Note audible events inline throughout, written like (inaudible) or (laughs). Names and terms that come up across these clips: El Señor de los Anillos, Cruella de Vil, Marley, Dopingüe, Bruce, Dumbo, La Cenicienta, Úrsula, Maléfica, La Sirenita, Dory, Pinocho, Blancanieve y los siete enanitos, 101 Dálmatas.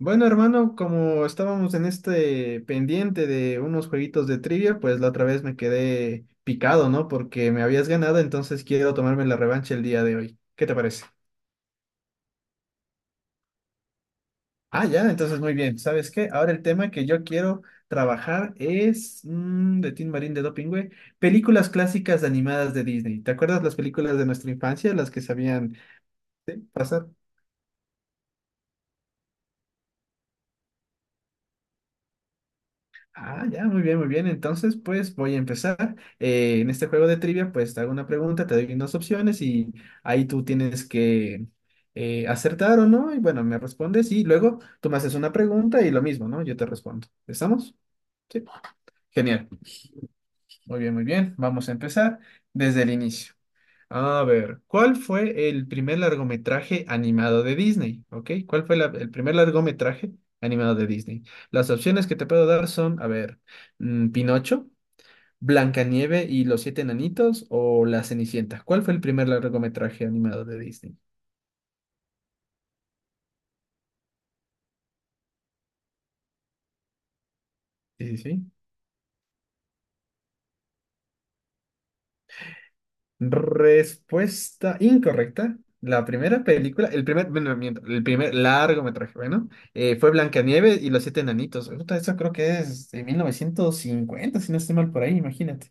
Bueno, hermano, como estábamos en este pendiente de unos jueguitos de trivia, pues la otra vez me quedé picado, ¿no? Porque me habías ganado, entonces quiero tomarme la revancha el día de hoy. ¿Qué te parece? Ah, ya, entonces muy bien. ¿Sabes qué? Ahora el tema que yo quiero trabajar es de Tim Marín de Dopingüe, películas clásicas animadas de Disney. ¿Te acuerdas las películas de nuestra infancia, las que sabían pasar? Ah, ya, muy bien, muy bien. Entonces, pues voy a empezar. En este juego de trivia, pues te hago una pregunta, te doy dos opciones y ahí tú tienes que acertar o no. Y bueno, me respondes y luego tú me haces una pregunta y lo mismo, ¿no? Yo te respondo. ¿Estamos? Sí. Genial. Muy bien, muy bien. Vamos a empezar desde el inicio. A ver, ¿cuál fue el primer largometraje animado de Disney? ¿Ok? ¿Cuál fue el primer largometraje animado de Disney? Las opciones que te puedo dar son, a ver, Pinocho. ¿Blancanieve y los siete enanitos o La Cenicienta? ¿Cuál fue el primer largometraje animado de Disney? Sí, sí, sí. Respuesta incorrecta. La primera película, el primer, bueno, miento, el primer largometraje, bueno, fue Blancanieve y los siete enanitos. Puta, eso creo que es de 1950 si no estoy mal por ahí, imagínate.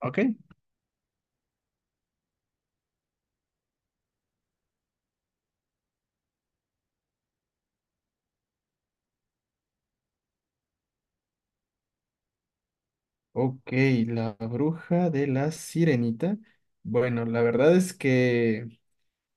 Ok. Ok, la bruja de la sirenita. Bueno, la verdad es que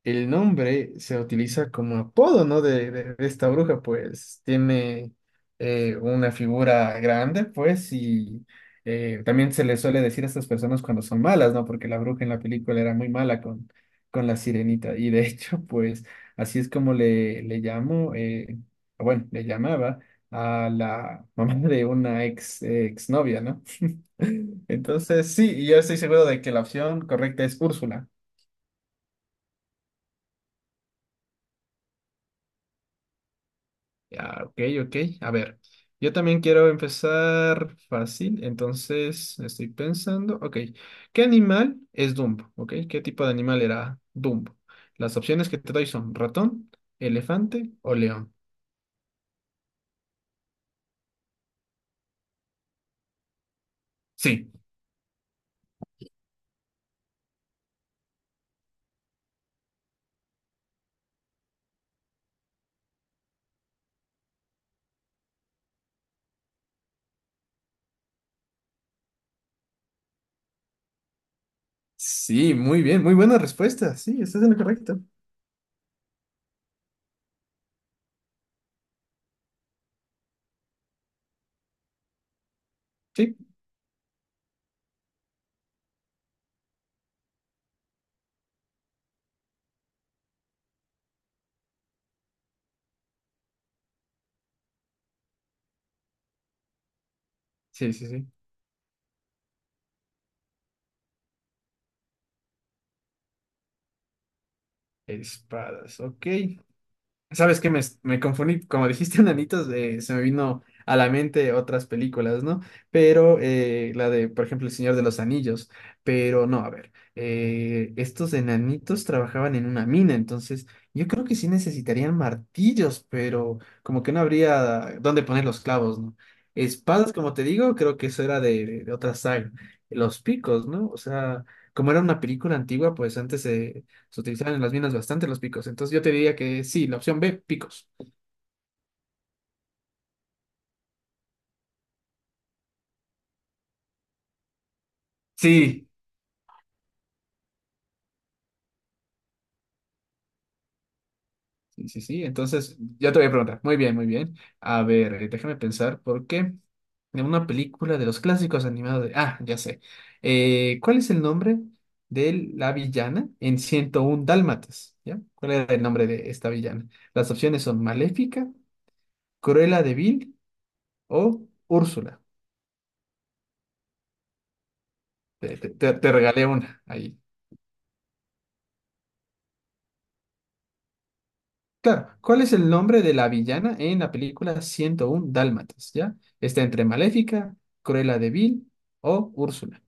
el nombre se utiliza como apodo, ¿no? De esta bruja, pues tiene una figura grande, pues, y también se le suele decir a estas personas cuando son malas, ¿no? Porque la bruja en la película era muy mala con la sirenita, y de (laughs) hecho, pues, así es como le llamo, bueno, le llamaba a la (laughs) mamá de una ex, exnovia, ¿no? (laughs) Entonces, sí, y yo estoy seguro de que la opción correcta es Úrsula. Ah, ok, ok. A ver, yo también quiero empezar fácil, entonces estoy pensando, ok, ¿qué animal es Dumbo? Ok, ¿qué tipo de animal era Dumbo? Las opciones que te doy son ratón, elefante o león. Sí, sí, muy bien, muy buena respuesta. Sí, estás en lo correcto. Sí, sí, sí, sí. Espadas, ok. ¿Sabes qué? Me confundí, como dijiste, (laughs) enanitos, se me vino a la mente otras películas, ¿no? Pero la de, por ejemplo, El Señor de los Anillos, pero no, a ver, estos enanitos trabajaban en una mina, entonces yo creo que sí necesitarían martillos, pero como que no habría dónde poner los clavos, ¿no? Espadas, como te digo, creo que eso era de otra saga. Los picos, ¿no? O sea, como era una película antigua, pues antes se utilizaban en las minas bastante los picos. Entonces yo te diría que sí, la opción B, picos. Sí, sí, sí, sí. Entonces ya te voy a preguntar. Muy bien, muy bien. A ver, déjame pensar por qué. De una película de los clásicos animados de... Ah, ya sé. ¿Cuál es el nombre de la villana en 101 Dálmatas? ¿Ya? ¿Cuál era el nombre de esta villana? Las opciones son Maléfica, Cruella de Vil o Úrsula. Te regalé una ahí. Claro, ¿cuál es el nombre de la villana en la película 101 Dálmatas? ¿Ya? Está entre Maléfica, Cruella de Vil o Úrsula.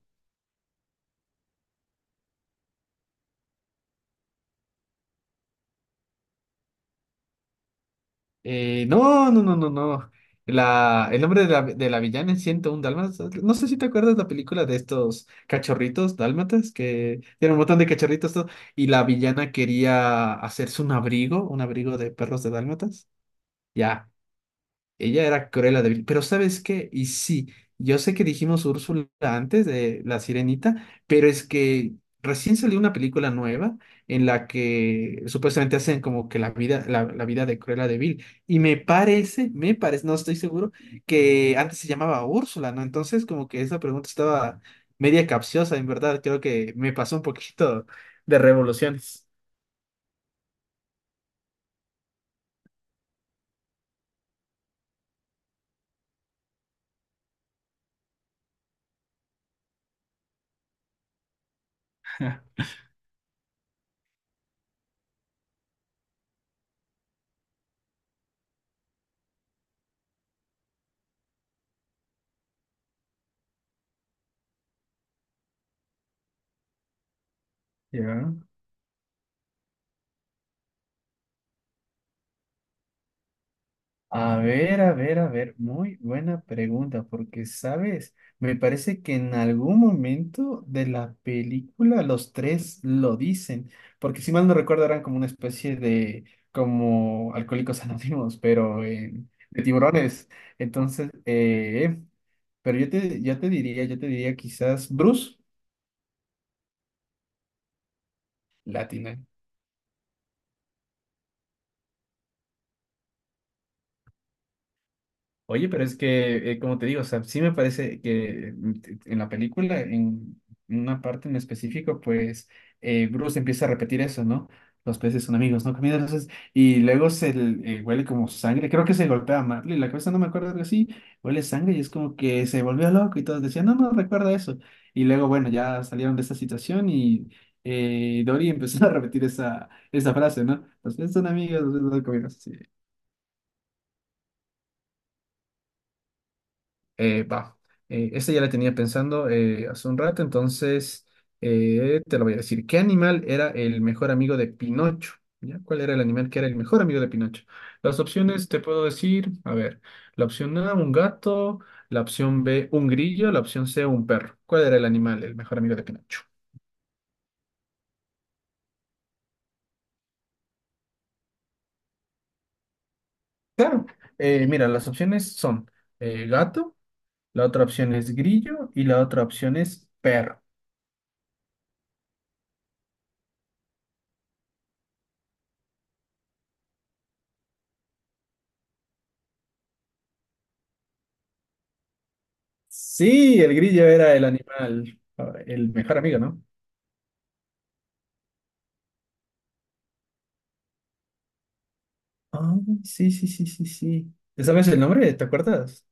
No, no, no, no, no. La, el nombre de la villana en 101 Dálmatas. No sé si te acuerdas la película de estos cachorritos dálmatas que tienen un montón de cachorritos todo, y la villana quería hacerse un abrigo de perros de dálmatas. Ya, ella era Cruella de Vil. Pero ¿sabes qué? Y sí, yo sé que dijimos Úrsula antes de La Sirenita, pero es que recién salió una película nueva en la que supuestamente hacen como que la vida, la vida de Cruella de Vil. Y me parece, no estoy seguro, que antes se llamaba Úrsula, ¿no? Entonces como que esa pregunta estaba media capciosa, en verdad. Creo que me pasó un poquito de revoluciones. (laughs) Ya. A ver, a ver, a ver, muy buena pregunta, porque, ¿sabes? Me parece que en algún momento de la película los tres lo dicen, porque si mal no recuerdo eran como una especie de, como alcohólicos anónimos, pero de tiburones. Entonces, pero yo te diría quizás Bruce, latina. Oye, pero es que, como te digo, o sea, sí me parece que en la película, en una parte en específico, pues Bruce empieza a repetir eso, ¿no? Los peces son amigos, ¿no? Comida, entonces, y luego huele como sangre, creo que se golpea a Marley, la cabeza no me acuerdo, algo así, huele sangre y es como que se volvió loco y todos decían, no, no, recuerda eso. Y luego, bueno, ya salieron de esta situación y Dory empezó (laughs) a repetir esa, esa frase, ¿no? Los peces son amigos, los peces son comidos. Eh, va, esta ya la tenía pensando hace un rato, entonces te lo voy a decir. ¿Qué animal era el mejor amigo de Pinocho? ¿Ya? ¿Cuál era el animal que era el mejor amigo de Pinocho? Las opciones te puedo decir, a ver, la opción A, un gato, la opción B, un grillo, la opción C, un perro. ¿Cuál era el animal, el mejor amigo de Pinocho? Claro, mira, las opciones son gato, la otra opción es grillo y la otra opción es perro. Sí, el grillo era el animal, ah, el mejor amigo, ¿no? Ah, sí, sí, sí, sí, sí. ¿Te ¿Sabes el nombre? ¿Te acuerdas?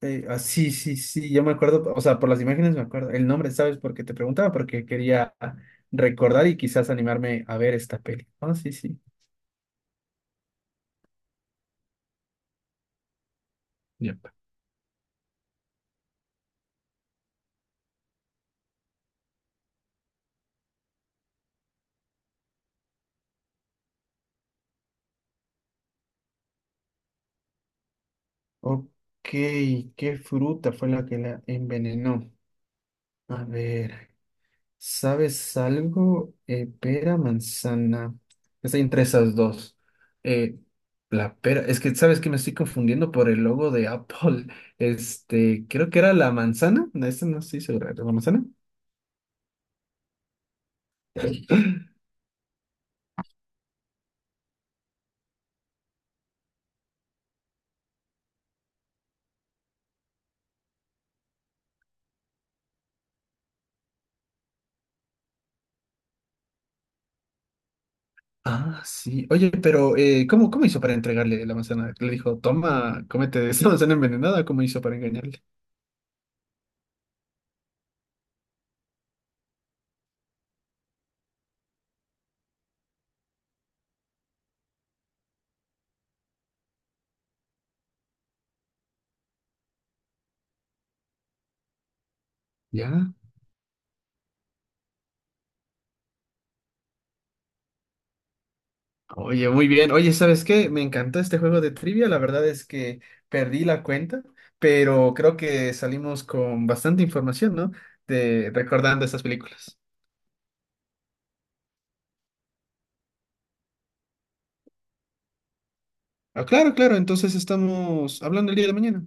Sí, sí, sí, yo me acuerdo, o sea, por las imágenes me acuerdo. El nombre, ¿sabes? Porque te preguntaba, porque quería recordar y quizás animarme a ver esta peli. Ah, sí, sí. Yep. Ok, ¿qué fruta fue la que la envenenó? A ver. ¿Sabes algo? Pera, manzana. Estoy entre esas dos. Eh, la pera. Es que, ¿sabes que me estoy confundiendo por el logo de Apple? (laughs) Este, creo que era la manzana. No, esta no estoy segura. ¿La manzana? (gasps) Ah, sí. Oye, pero ¿cómo, cómo hizo para entregarle la manzana? Le dijo, toma, cómete esta manzana envenenada. ¿Cómo hizo para engañarle? Ya. Oye, muy bien. Oye, ¿sabes qué? Me encantó este juego de trivia. La verdad es que perdí la cuenta, pero creo que salimos con bastante información, ¿no? De recordando estas películas. Ah, claro, claro. Entonces estamos hablando el día de mañana.